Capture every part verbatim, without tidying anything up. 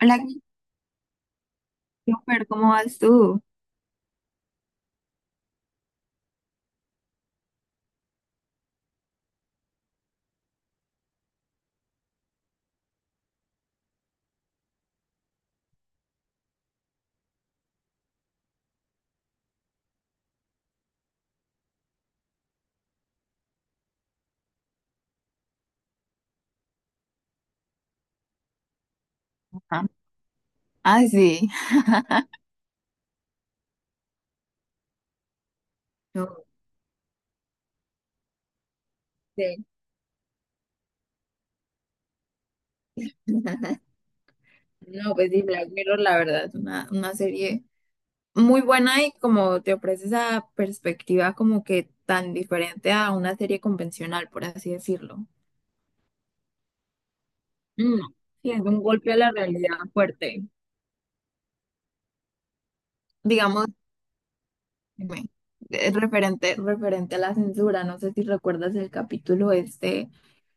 Hola, Christopher, ¿cómo vas tú? Ajá. Ah, sí. No, sí. No, pues sí, Black Mirror, la verdad, es una, una serie muy buena y como te ofrece esa perspectiva como que tan diferente a una serie convencional, por así decirlo. Mm, sí, es un golpe a la realidad fuerte. Digamos, dime, eh, referente, referente a la censura, no sé si recuerdas el capítulo este.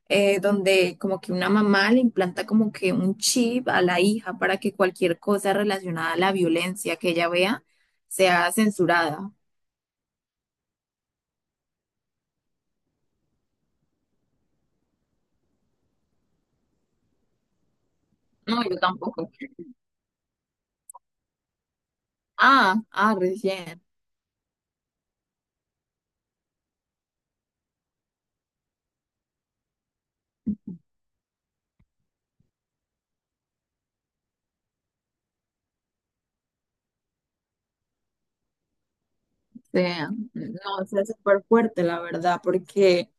eh, donde como que una mamá le implanta como que un chip a la hija para que cualquier cosa relacionada a la violencia que ella vea sea censurada. No, yo tampoco. Ah, ah, recién. O sea, no, o sea, súper fuerte, la verdad, porque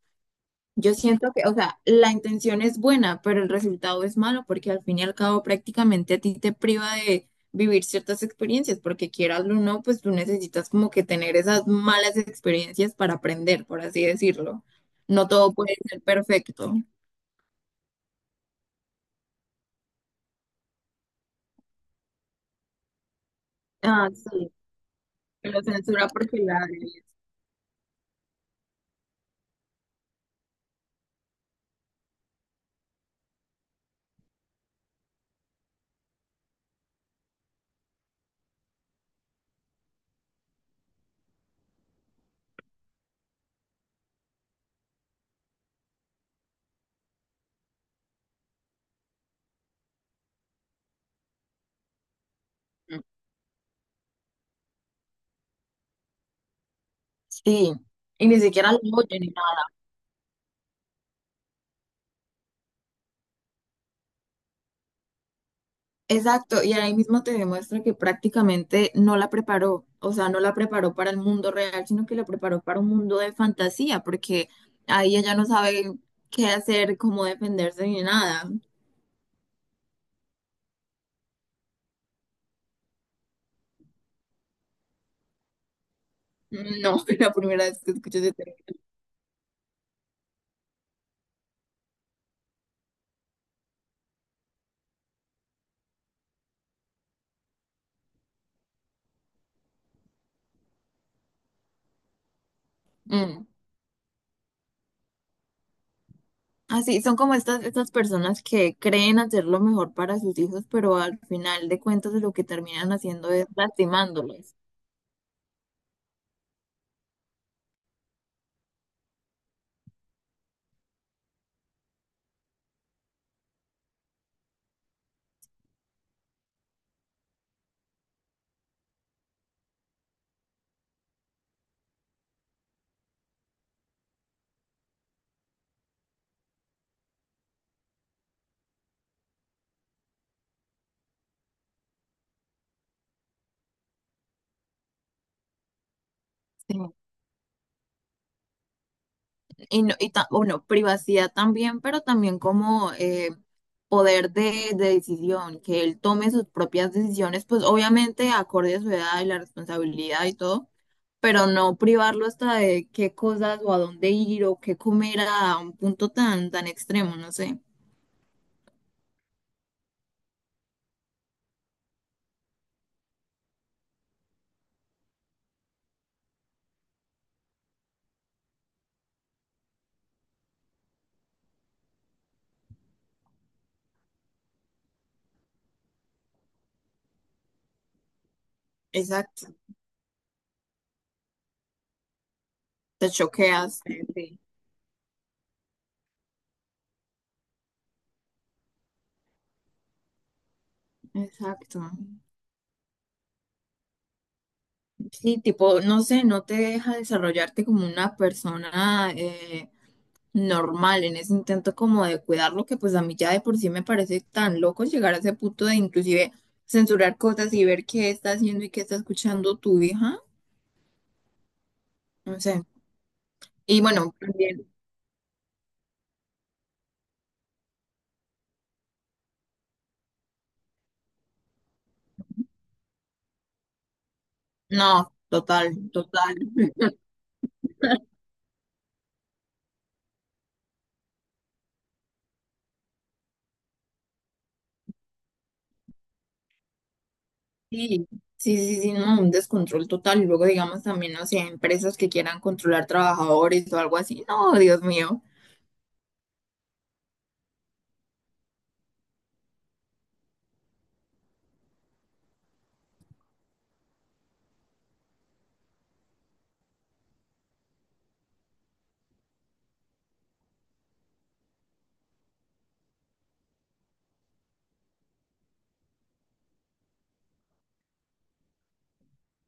yo siento que, o sea, la intención es buena, pero el resultado es malo porque al fin y al cabo prácticamente a ti te priva de vivir ciertas experiencias, porque quieras o no, pues tú necesitas como que tener esas malas experiencias para aprender, por así decirlo. No todo puede ser perfecto. Ah, sí, que lo censura porque la... Sí, y ni siquiera lo oye ni nada. Exacto, y ahí mismo te demuestra que prácticamente no la preparó, o sea, no la preparó para el mundo real, sino que la preparó para un mundo de fantasía, porque ahí ella no sabe qué hacer, cómo defenderse ni nada. Mm, no, la primera vez que escucho ese término. Mm. Así, son como estas, estas personas que creen hacer lo mejor para sus hijos, pero al final de cuentas lo que terminan haciendo es lastimándolos. Sí. Y, no- y ta- bueno, privacidad también, pero también como eh, poder de, de decisión, que él tome sus propias decisiones, pues obviamente acorde a su edad y la responsabilidad y todo, pero no privarlo hasta de qué cosas o a dónde ir o qué comer a un punto tan, tan extremo, no sé. Exacto. Te choqueas. Sí. Exacto. Sí, tipo, no sé, no te deja desarrollarte como una persona, eh, normal, en ese intento como de cuidarlo, que pues a mí ya de por sí me parece tan loco llegar a ese punto de inclusive censurar cosas y ver qué está haciendo y qué está escuchando tu hija, no sé. Y bueno, también, no, total, total. Sí, sí, sí, sí, no, un descontrol total. Y luego digamos también, no sé, empresas que quieran controlar trabajadores o algo así, no, Dios mío.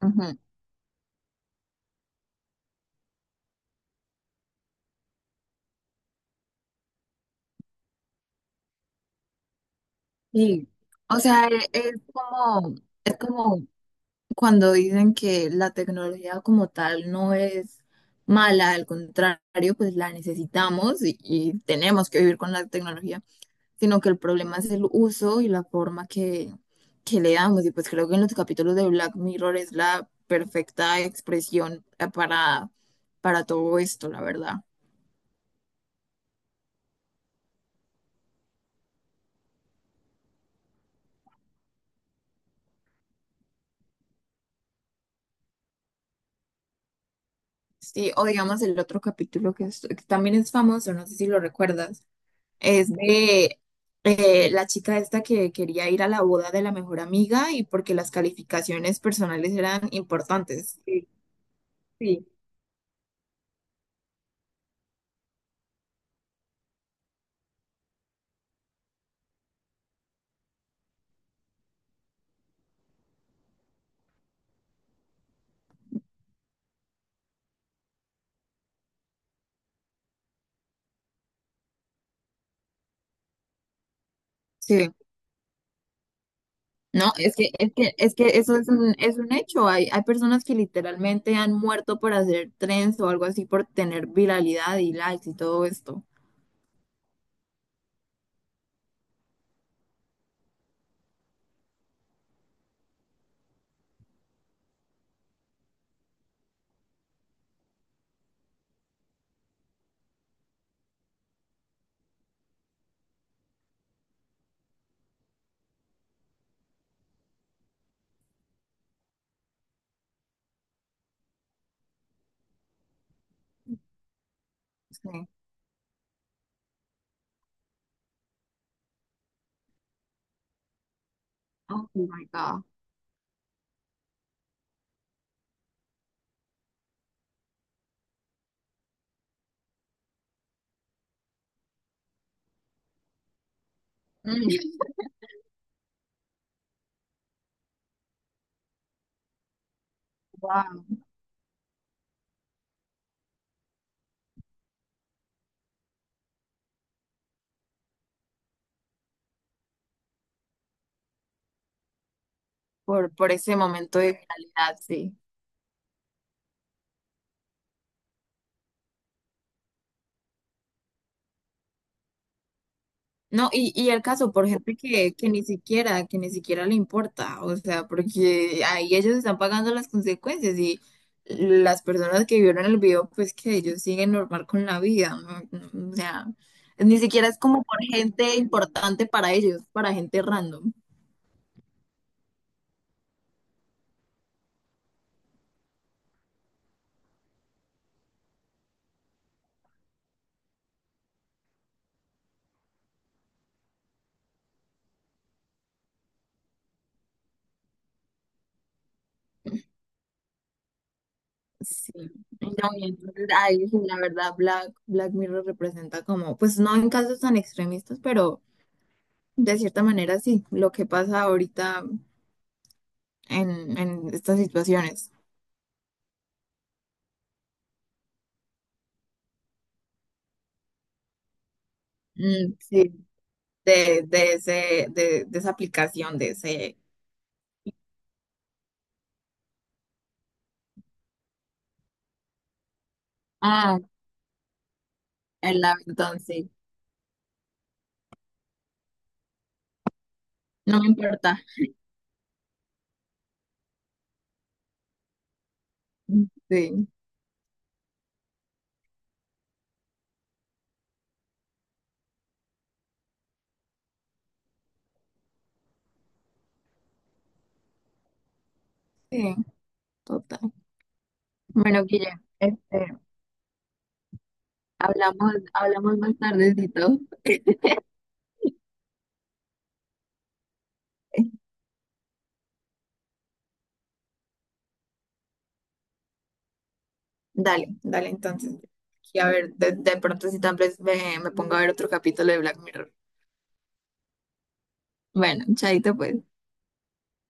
Ujú. Sí, o sea, e- es como... es como cuando dicen que la tecnología como tal no es mala, al contrario, pues la necesitamos y, y tenemos que vivir con la tecnología, sino que el problema es el uso y la forma que, que le damos. Y pues creo que en los capítulos de Black Mirror es la perfecta expresión eh, para, para todo esto, la verdad. Sí, o digamos el otro capítulo que, es- que también es famoso, no sé si lo recuerdas. Es de eh, la chica esta que quería ir a la boda de la mejor amiga y porque las calificaciones personales eran importantes. Sí, sí. Sí. No, es que, es que, es que eso es un, es un hecho. Hay, hay personas que literalmente han muerto por hacer trends o algo así por tener viralidad y likes y todo esto. Sí. Oh my God. Mm, wow. Por, por ese momento de viralidad, sí. No, y, y el caso por gente que, que ni siquiera, que ni siquiera le importa, o sea, porque ahí ellos están pagando las consecuencias y las personas que vieron el video, pues que ellos siguen normal con la vida, ¿no? O sea, ni siquiera es como por gente importante para ellos, para gente random. Sí. No, y entonces, ay, sí, la verdad, Black, Black Mirror representa como, pues no en casos tan extremistas, pero de cierta manera sí, lo que pasa ahorita en, en estas situaciones. Mm, sí, de, de, ese, de, de esa aplicación, de ese... Ah, el Avidon, sí. No me importa. Mm, sí, sí, total. Bueno, Guille, este, hablamos, hablamos más tardecito. Dale, dale, entonces. Y a ver, de, de pronto si tal vez me, me pongo a ver otro capítulo de Black Mirror. Bueno, chaito pues.